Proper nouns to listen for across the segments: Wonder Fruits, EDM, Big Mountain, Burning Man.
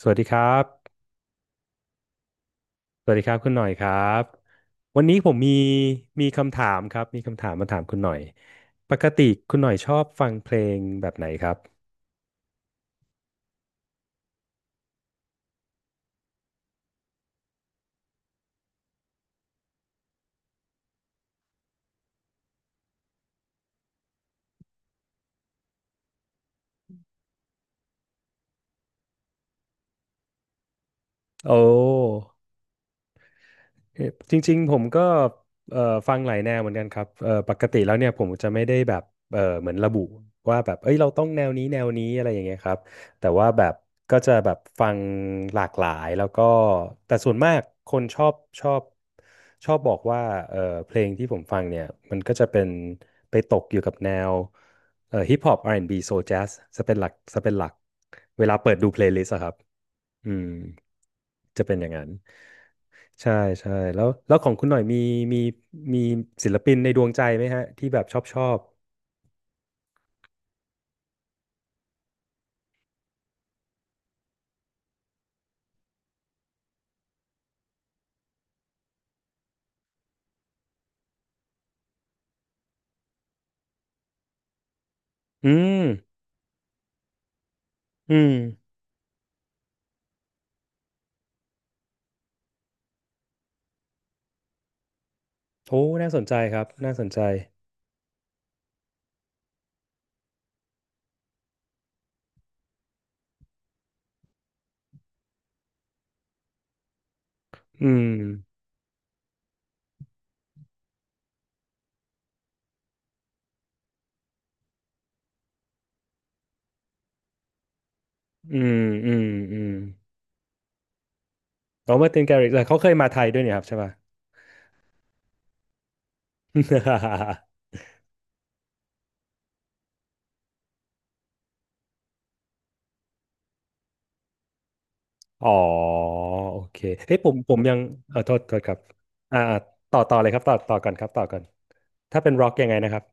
สวัสดีครับ สวัสดีครับคุณหน่อยครับ วันนี้ผมมีคำถามครับ มีคำถามมาถามคุณหน่อย ปกติคุณหน่อยชอบฟังเพลงแบบไหนครับ โอ้ เอ่อจริงๆผมก็เอ่อฟังหลายแนวเหมือนกันครับปกติแล้วเนี่ยผมจะไม่ได้แบบเหมือนระบุว่าแบบเอ้ยเราต้องแนวนี้แนวนี้อะไรอย่างเงี้ยครับแต่ว่าแบบก็จะแบบฟังหลากหลายแล้วก็แต่ส่วนมากคนชอบชอบบอกว่าเอ่อเพลงที่ผมฟังเนี่ยมันก็จะเป็นไปตกอยู่กับแนวฮิปฮอป R&B โซ l แจ๊สจะเป็นหลักเวลาเปิดดูเพลย์ลิสต์อะครับ อืมจะเป็นอย่างนั้นใช่ใช่แล้วของคุณหน่อยมีมีศิลปินในดวงใจไหมฮะที่แบบชอบอืมอืมโอ้น่าสนใจครับน่าสนใจอืมอืมอืมอืมอ๋อมาร์ตินแกริกเลยเขาเคยมาไทยด้วยเนี่ยครับใช่ป่ะ อ๋อโอเคเฮ้ยผมยังเออโทษครับอ่าต่อเลยครับต่อก่อนครับต่อก่อนถ้าเป็นร็อกยังไงนะครับ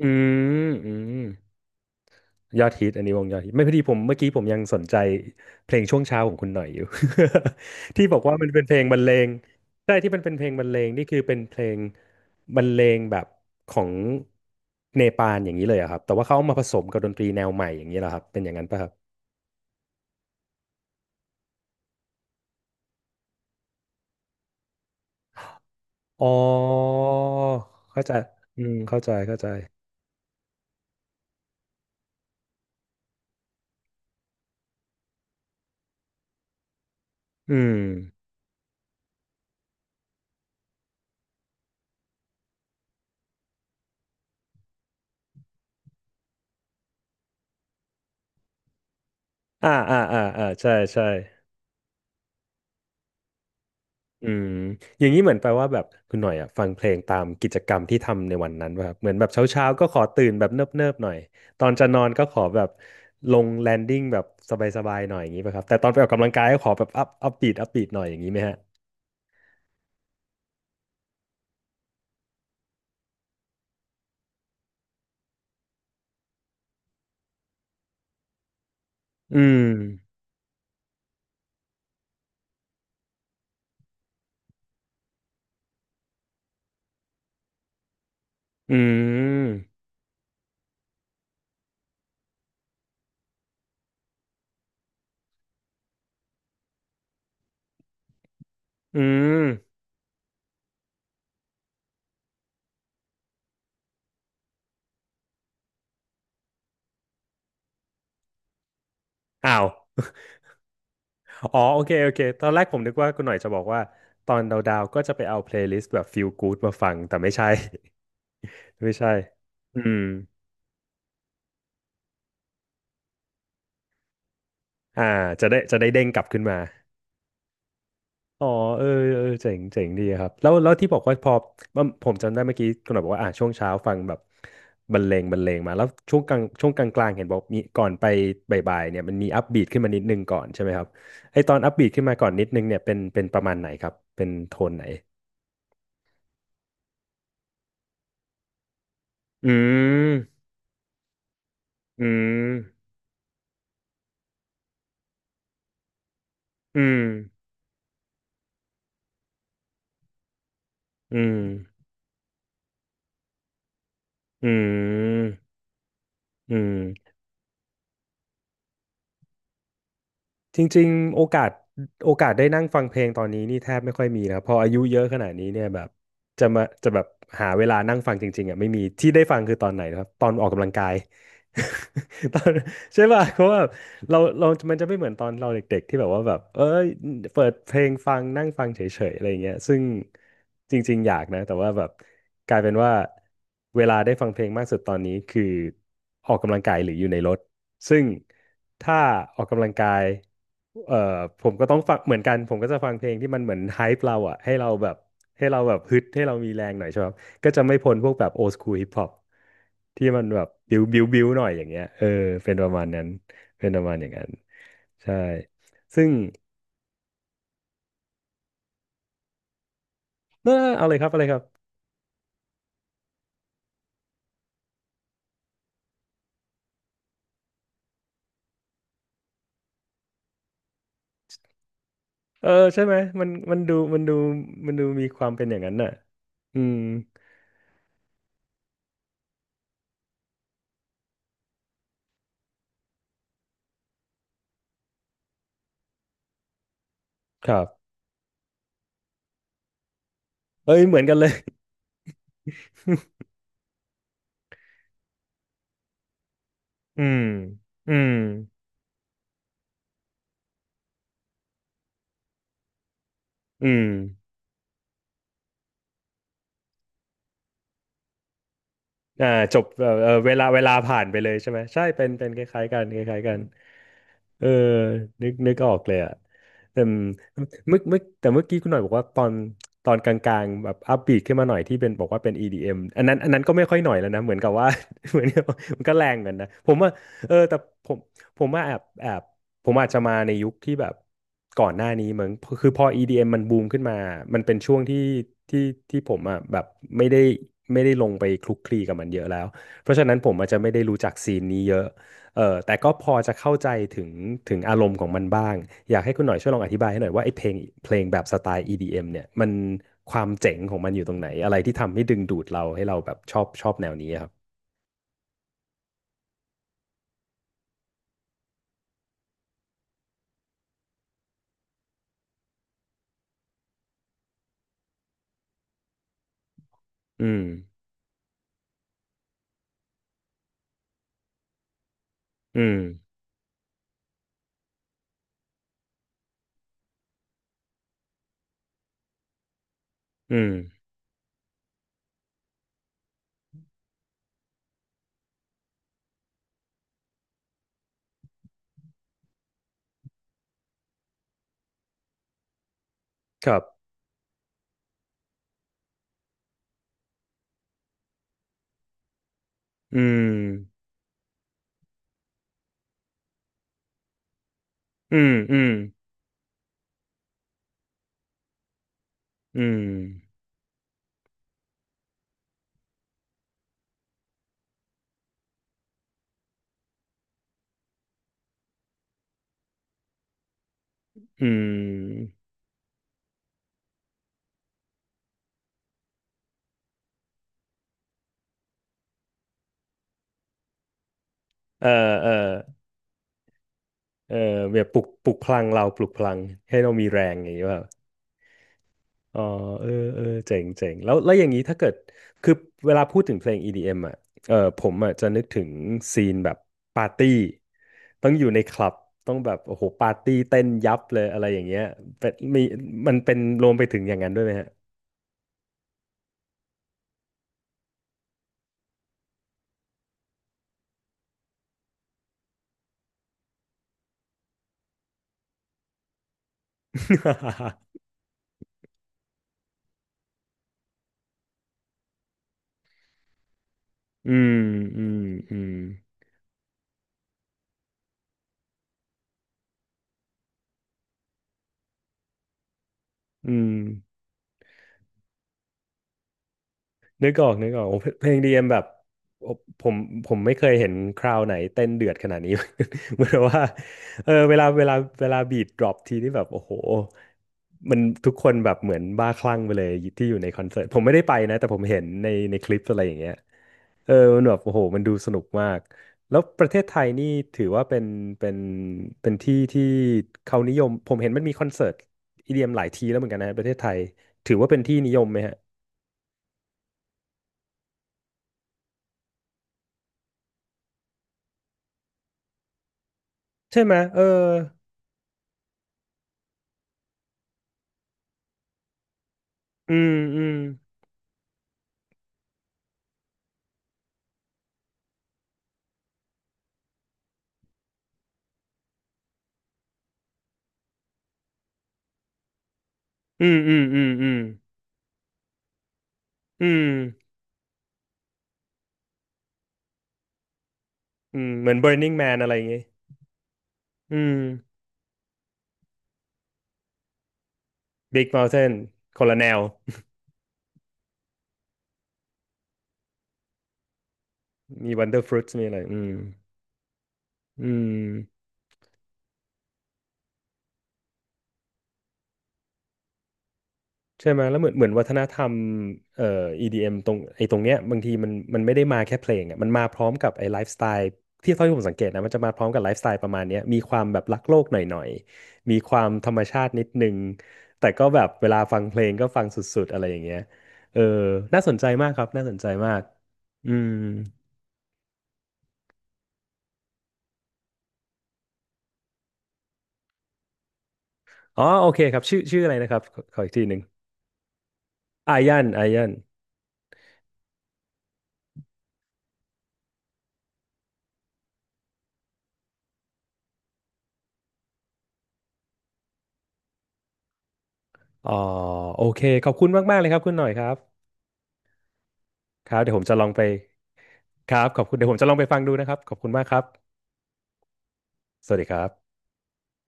อืมอืม ยอดฮิตอันนี้วงยอดฮิตไม่พอดีผมเมื่อกี้ผมยังสนใจเพลงช่วงเช้าของคุณหน่อยอยู่ ที่บอกว่ามันเป็นเพลงบรรเลงใช่ที่มันเป็นเพลงบรรเลงนี่คือเป็นเพลงบรรเลงแบบของเนปาลอย่างนี้เลยอะครับแต่ว่าเขาเอามาผสมกับดนตรีแนวใหม่อย่างนี้เหรอครับเป็นอย่างนั้นป่ะครับอ๋อเข้าใจอืมเข้าใจอืมอ่าอ่าอ่าอ่าใช่ใช่ อืมอย่างนี้เหมือนแปลว่าแบบคุณหน่อยอ่ะฟังเพลงตามกิจกรรมที่ทำในวันนั้นป่ะครับเหมือนแบบเช้าๆก็ขอตื่นแบบเนิบๆหน่อยตอนจะนอนก็ขอแบบลงแลนดิ้งแบบสบายๆหน่อยอย่างนี้ป่ะครับแต่ตอนไปออกกำลังกายก็ขอแบบอัพบีทหน่อยอย่างนี้ไหมฮะอืมอืมอืมอ้าว อ๋อโอเคตอนแรกผมนึกว่าคุณหน่อยจะบอกว่าตอนดาวๆก็จะไปเอาเพลย์ลิสต์แบบ feel good มาฟังแต่ไม่ใช่ ไม่ใช่อืมอ่าจะได้เด้งกลับขึ้นมา อ๋อเออเออเจ๋งดีครับแล้วที่บอกว่าพอมันผมจำได้เมื่อกี้คุณหน่อยบอกว่าอ่ะช่วงเช้าฟังแบบบรรเลงมาแล้วช่วงกลางกลางเห็นบอกมีก่อนไปบ่ายๆเนี่ยมันมีอัพบีทขึ้นมานิดนึงก่อนใช่ไหมครับไอตอนอัพบีทขึ้นมาก่อนนิดนึงเนี่ยเป็นประมาณไหนครับเป็นโทนไหนอืมอืมอืมอืมอืมอืม จริงๆโอกาสได้นั่งฟังเพลงตอนนี้นี่แทบไม่ค่อยมีนะพออายุเยอะขนาดนี้เนี่ยแบบจะแบบหาเวลานั่งฟังจริงๆอ่ะไม่มีที่ได้ฟังคือตอนไหนนะครับตอนออกกำลังกาย ตอนใช่ป่ะเพราะว่าเรามันจะไม่เหมือนตอนเราเด็กๆที่แบบว่าแบบเอ้ยเปิดเพลงฟังนั่งฟังเฉยๆอะไรอย่างเงี้ยซึ่งจริงๆอยากนะแต่ว่าแบบกลายเป็นว่าเวลาได้ฟังเพลงมากสุดตอนนี้คือออกกำลังกายหรืออยู่ในรถ ซึ่งถ้าออกกำลังกายเอ่อผมก็ต้องฟังเหมือนกันผมก็จะฟังเพลงที่มันเหมือนไฮป์เราอะให้เราแบบให้เราแบบฮึดให้เรามีแรงหน่อยใช่ไหมครับก็จะไม่พ้นพวกแบบโอ h คูลฮิปฮอปที่มันแบบบิวบิวบิวหน่อยอย่างเงี้ยเออเป็นประมาณนั้นเป็นประมาณอย่างนั้นใช่ซึ่งเออเอาเลยครับเออใช่ไหมมันดูมีความเป็นอย่างนั้นน่ะอืมครับเอ้ยเหมือนกันเลย อืมอืมอืม อ่าจบเออเออเวลาผ่านไปเลยใช่ไหมใช่เป็นเป็นคล้ายๆกันคล้ายๆกัน เออนึกออกเลยอ่ะแต่เมื่อเมื่อแต่เมื่อกี้คุณหน่อยบอกว่าตอนกลางๆแบบอัพบีทขึ้นมาหน่อยที่เป็นบอกว่าเป็น EDM อมอันนั้นก็ไม่ค่อยหน่อยแล้วนะเหมือนกับว่า เหมือนกับมันก็แรงเหมือนกันนะผมว่าเออแต่ผมผมว่าแอบผมอาจจะมาในยุคที่แบบก่อนหน้านี้เหมือนคือพอ EDM มมันบูมขึ้นมามันเป็นช่วงที่ที่ผมอ่ะแบบไม่ได้ไม่ได้ลงไปคลุกคลีกับมันเยอะแล้วเพราะฉะนั้นผมอาจจะไม่ได้รู้จักซีนนี้เยอะ เออแต่ก็พอจะเข้าใจถึงถึงอารมณ์ของมันบ้างอยากให้คุณหน่อยช่วยลองอธิบายให้หน่อยว่าไอ้เพลงเพลงแบบสไตล์ EDM เอ็มเนี่ยมันความเจ๋งของมันอยู่ตรงไหนอะไรที่ทำให้ดึงดูดเราให้เราแบบชอบชอบแนวนี้ครับอืมอืมอืมครับอืมอืมอืมอืมอืมเออเออเออแบบปลุกพลังเราปลุกพลังให้เรามีแรงอย่างนี้ว่า อ๋อเออเออเจ๋งเจ๋งแล้วแล้วอย่างนี้ถ้าเกิดคือเวลาพูดถึงเพลง EDM อมอ่ะเออผมอ่ะจะนึกถึงซีนแบบปาร์ตี้ต้องอยู่ในคลับต้องแบบโอ้โหปาร์ตี้เต้นยับเลยอะไรอย่างเงี้ยเป็นมีมันเป็นรวมไปถึงอย่างนั้นด้วยไหมฮะ อืมอืมอืมอืม นึกออกนึกออกโอ้เพเพลงดีเอ็มแบบโอ้ผมผมไม่เคยเห็นคราวไหนเต้นเดือดขนาดนี้ เหมือนว่าเออเวลาเวลาเวลาบีทดรอปทีนี่แบบโอ้โหมันทุกคนแบบเหมือนบ้าคลั่งไปเลยที่อยู่ในคอนเสิร์ตผมไม่ได้ไปนะแต่ผมเห็นในในคลิปอะไรอย่างเงี้ยเออมันแบบโอ้โหมันดูสนุกมากแล้วประเทศไทยนี่ถือว่าเป็นเป็นเป็นที่ที่เขานิยมผมเห็นมันมีคอนเสิร์ตอีเดียมหลายทีแล้วเหมือนกันนะประเทศไทยถือว่าเป็นที่นิยมไหมฮะใช่ไหมเออ อืมอืมอืมอืมอืมอืมอืมอืมเหมือน Burning Man อะไรอย่างงี้อืม Big Mountain คนละแนว มี Wonder Fruits มีอะไรอืมอืม ใช่ไหมแล้วเหมือนเหมือนวัฒนธรรมเอ่อ EDM ตรงไอ้ตรงเนี้ยบางทีมันมันไม่ได้มาแค่เพลงอ่ะมันมาพร้อมกับไอ้ไลฟ์สไตล์ที่เท่าที่ผมสังเกตนะมันจะมาพร้อมกับไลฟ์สไตล์ประมาณเนี้ยมีความแบบรักโลกหน่อยๆมีความธรรมชาตินิดนึงแต่ก็แบบเวลาฟังเพลงก็ฟังสุดๆอะไรอย่างเงี้ยเออน่าสนใจมากครับน่าสนใจมากอืมอ๋อโอเคครับชื่อชื่ออะไรนะครับขอขออีกทีหนึ่งอายันอายันอ๋อโอเคขอบคุณมากๆเลยครับคุณหน่อยครับครับเดี๋ยวผมจะลองไป ครับขอบคุณเดี๋ยวผมจะลองไปฟังดูนะครับขอบคุณมากครับสวัสดีครับ